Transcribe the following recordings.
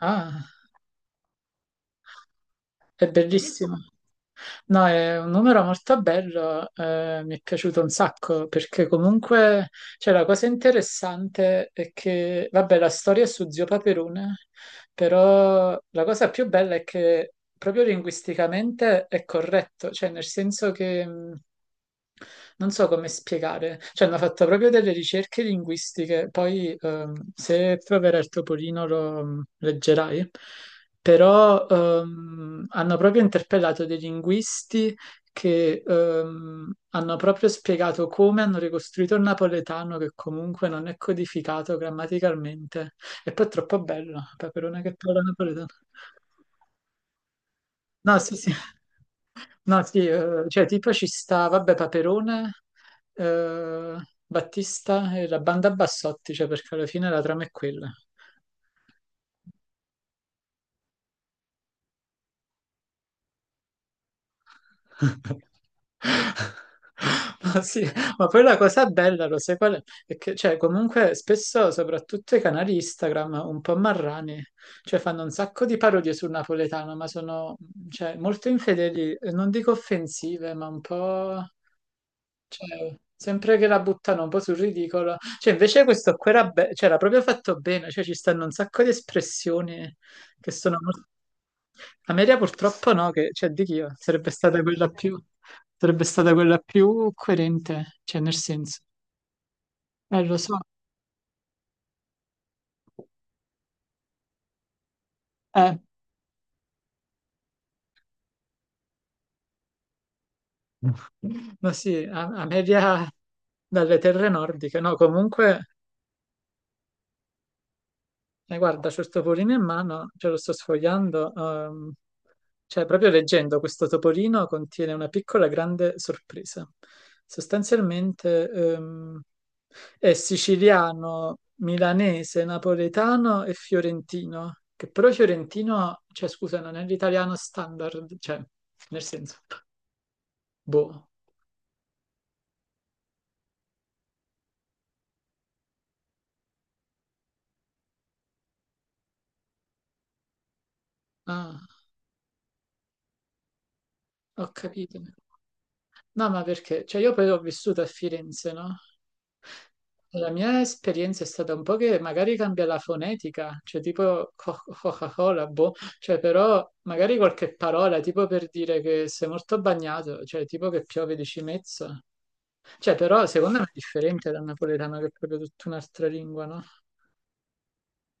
Ah, è bellissimo. No, è un numero molto bello, mi è piaciuto un sacco perché comunque, cioè, la cosa interessante è che, vabbè, la storia è su Zio Paperone, però la cosa più bella è che proprio linguisticamente è corretto, cioè nel senso che non so come spiegare, cioè hanno fatto proprio delle ricerche linguistiche, poi se proverà il Topolino lo leggerai, però hanno proprio interpellato dei linguisti che hanno proprio spiegato come hanno ricostruito il napoletano che comunque non è codificato grammaticalmente. E poi è troppo bello, Paperone che parla napoletano. No, sì, sì. No, sì, cioè tipo ci sta, vabbè, Paperone, eh, Battista e la banda Bassotti, cioè perché alla fine la trama è quella. Ma sì, ma poi la cosa bella, lo sai qual è? È che, cioè, comunque spesso, soprattutto i canali Instagram, un po' marrani, cioè fanno un sacco di parodie sul napoletano, ma sono, cioè, molto infedeli, non dico offensive, ma un po'. Cioè, sempre che la buttano un po' sul ridicolo. Cioè, invece questo qua era, cioè, era proprio fatto bene, cioè ci stanno un sacco di espressioni che sono Ameria purtroppo no, che, cioè, di chi io? Sarebbe stata quella più. Sarebbe stata quella più coerente, cioè, nel senso. Lo so, eh. Ma sì, Ameria dalle terre nordiche, no, comunque. Guarda, c'ho il topolino in mano, ce lo sto sfogliando. Cioè, proprio leggendo, questo topolino contiene una piccola grande sorpresa. Sostanzialmente, è siciliano, milanese, napoletano e fiorentino, che però fiorentino, cioè, scusa, non è l'italiano standard, cioè, nel senso, boh. Ah, ho capito. No, ma perché? Cioè, io poi ho vissuto a Firenze, no? La mia esperienza è stata un po' che magari cambia la fonetica, cioè tipo Coca-Cola, boh, cioè però magari qualche parola, tipo per dire che sei molto bagnato, cioè tipo che piove di cimezzo, cioè però secondo me è differente dal napoletano che è proprio tutta un'altra lingua, no?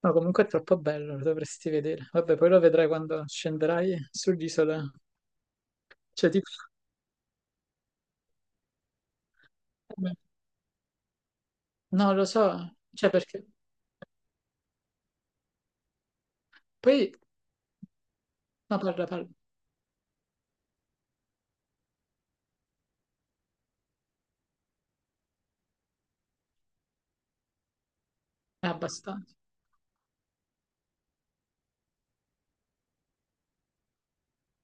No, comunque è troppo bello, lo dovresti vedere. Vabbè, poi lo vedrai quando scenderai sull'isola, cioè tipo. No, lo so, cioè perché. Poi. No, parla, parla, è abbastanza.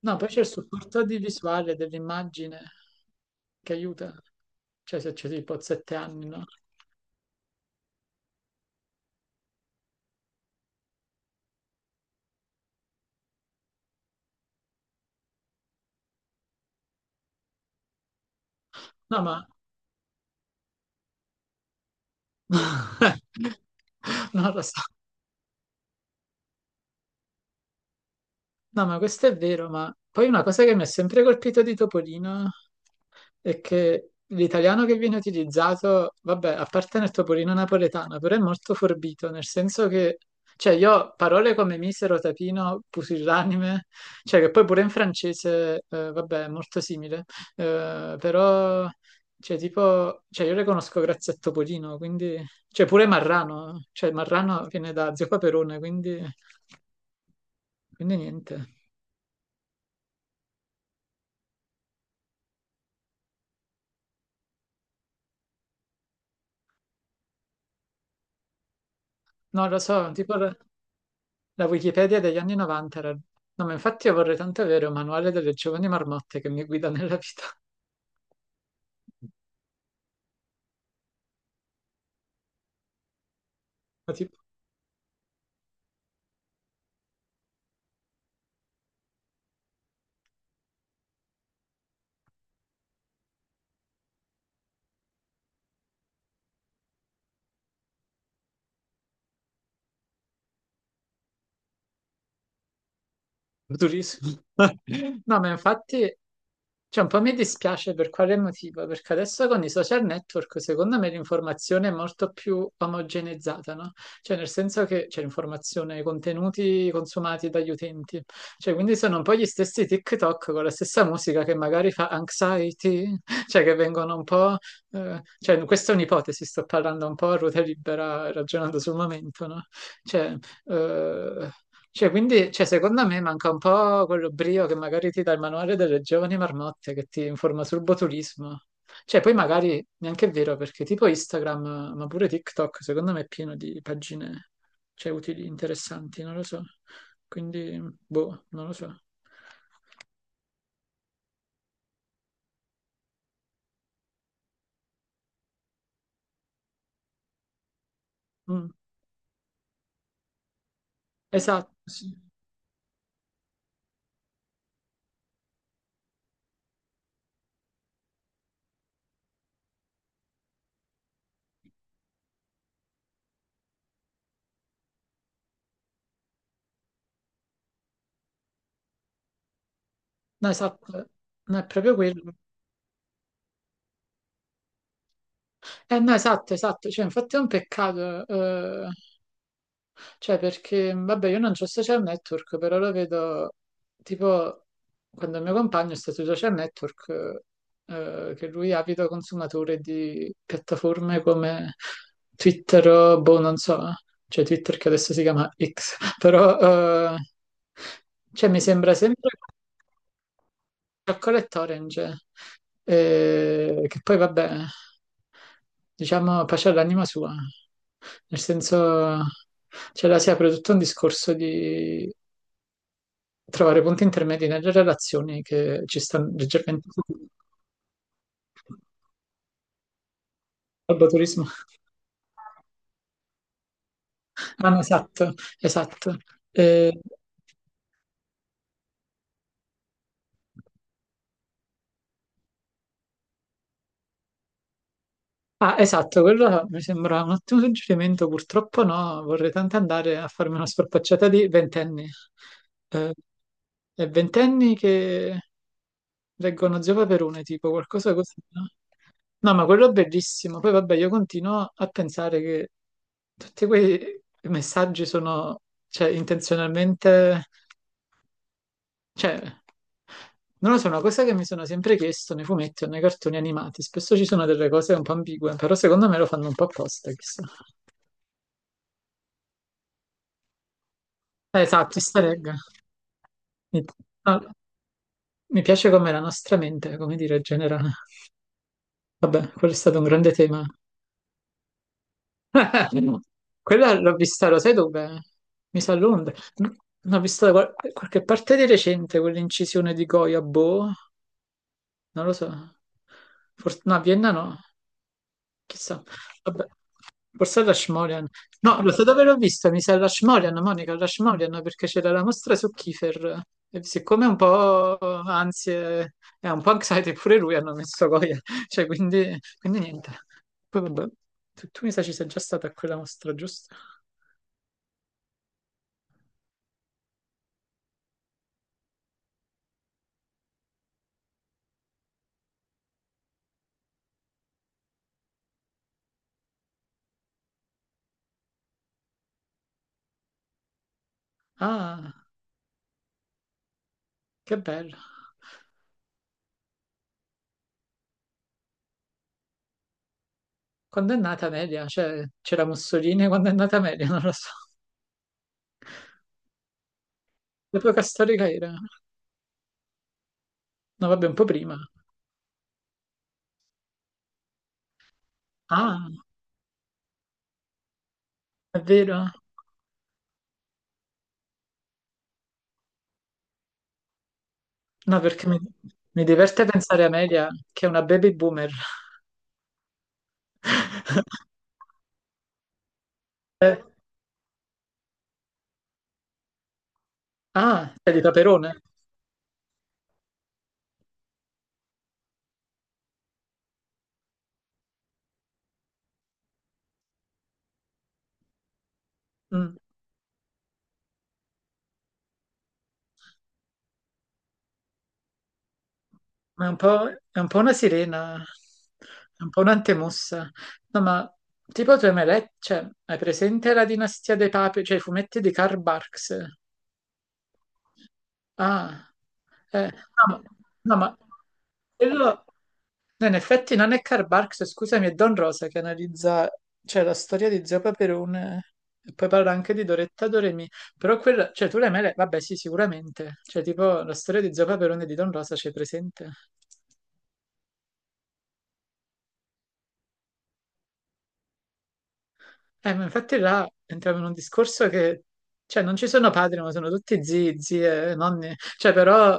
No, poi c'è il supporto di visuale dell'immagine che aiuta. Cioè, se c'è tipo a 7 anni, no? No, ma. Non lo so. No, ma questo è vero, ma poi una cosa che mi ha sempre colpito di Topolino è che l'italiano che viene utilizzato, vabbè, a parte nel Topolino napoletano, però è molto forbito, nel senso che, cioè, io parole come misero, tapino, pusillanime, cioè che poi pure in francese, vabbè, è molto simile, però, cioè, tipo, cioè, io le conosco grazie a Topolino, quindi, cioè, pure Marrano, cioè, Marrano viene da Zio Paperone, quindi, quindi niente. Non lo so, tipo la Wikipedia degli anni '90 era. No, ma infatti io vorrei tanto avere un manuale delle giovani marmotte che mi guida nella vita. Ma tipo, durissimo. No, ma infatti, cioè, un po' mi dispiace per quale motivo, perché adesso con i social network, secondo me, l'informazione è molto più omogeneizzata, no? Cioè, nel senso che c'è l'informazione, i contenuti consumati dagli utenti. Cioè, quindi sono un po' gli stessi TikTok con la stessa musica che magari fa anxiety, cioè che vengono un po'. Cioè, questa è un'ipotesi, sto parlando un po' a ruota libera, ragionando sul momento, no? Cioè. Eh, cioè, quindi, cioè, secondo me manca un po' quello brio che magari ti dà il manuale delle giovani marmotte che ti informa sul botulismo. Cioè, poi magari neanche è vero perché tipo Instagram, ma pure TikTok, secondo me è pieno di pagine, cioè, utili, interessanti, non lo so. Quindi, boh, non lo so. Mm. Esatto, sì. No, esatto. No, è proprio quello. No, esatto, esatto. Cioè, infatti è un peccato. Cioè, perché, vabbè, io non ho social network, però lo vedo, tipo, quando il mio compagno sta sui social network, che lui è avido consumatore di piattaforme come Twitter o, boh, non so, cioè Twitter che adesso si chiama X, però, cioè, mi sembra sempre Chocolate Orange, che poi vabbè, diciamo, pace all'anima sua, nel senso, cioè la si apre tutto un discorso di trovare punti intermedi nelle relazioni che ci stanno leggermente al turismo. Ah, no, esatto, esatto. Eh, ah, esatto, quello mi sembra un ottimo suggerimento, purtroppo no, vorrei tanto andare a farmi una scorpacciata di ventenni. Eh, e ventenni che leggono Zio Paperone, tipo qualcosa così, no? No, ma quello è bellissimo. Poi vabbè, io continuo a pensare che tutti quei messaggi sono, cioè, intenzionalmente cioè, non lo so, è una cosa che mi sono sempre chiesto nei fumetti o nei cartoni animati, spesso ci sono delle cose un po' ambigue, però secondo me lo fanno un po' apposta, chissà. Esatto, easter egg. Mi, no, mi piace come la nostra mente, come dire, generale. Vabbè, quello è stato un grande tema. Quella l'ho vista, lo sai dove? Mi sa a Londra. No, l'ho vista da qualche parte di recente, quell'incisione di Goya, boh, non lo so. Forse, no, a Vienna no, chissà. Vabbè. Forse Rashmorian. No, lo so dove l'ho vista, mi sa Rashmorian, Monica Rashmorian, perché c'era la mostra su Kiefer. E siccome è un po' ansie e un po' anxiety pure lui hanno messo Goya, cioè quindi, quindi niente. Poi vabbè, tu mi sa ci sei già stata a quella mostra, giusto? Ah, che bello. Quando è nata Media? Cioè, c'era Mussolini quando è nata Media, non lo so. L'epoca storica era? No, vabbè, un po' prima. Ah, è vero? No, perché mi diverte pensare a Media, che è una baby boomer. Eh, ah, è di Caperone? Mm, ma è un po' una sirena, è un po' un'antemossa. No, ma tipo tu hai mai letto, cioè, hai presente la dinastia dei papi, cioè i fumetti di Karl Barks? Ah, no, ma, no, ma quello, no, in effetti non è Karl Barks, scusami, è Don Rosa che analizza, cioè, la storia di Zio Paperone e poi parla anche di Doretta Doremi. Però quella, cioè tu le mele, vabbè sì, sicuramente. Cioè tipo la storia di Zio Paperone e di Don Rosa c'è presente? Ma infatti là entriamo in un discorso che, cioè, non ci sono padri, ma sono tutti zii, zie, nonni. Cioè, però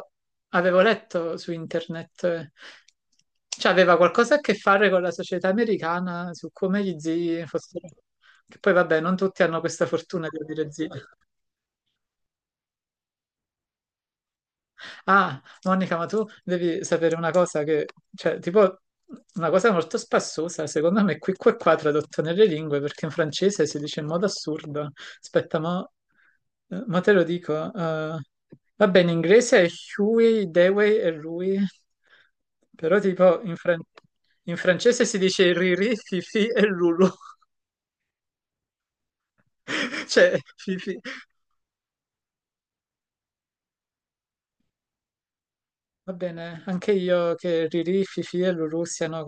avevo letto su internet, cioè, aveva qualcosa a che fare con la società americana su come gli zii fossero. Che poi, vabbè, non tutti hanno questa fortuna di avere zii. Ah, Monica, ma tu devi sapere una cosa che, cioè, tipo, una cosa molto spassosa, secondo me, qui qua qua tradotto nelle lingue, perché in francese si dice in modo assurdo. Aspetta, mo, mo te lo dico. Va bene, in inglese è Huey, Dewey e Rui, però tipo in francese si dice Riri, Fifi e Lulu. Cioè, Fifi. Va bene, anche io che Riri, Fifi e Lulu siano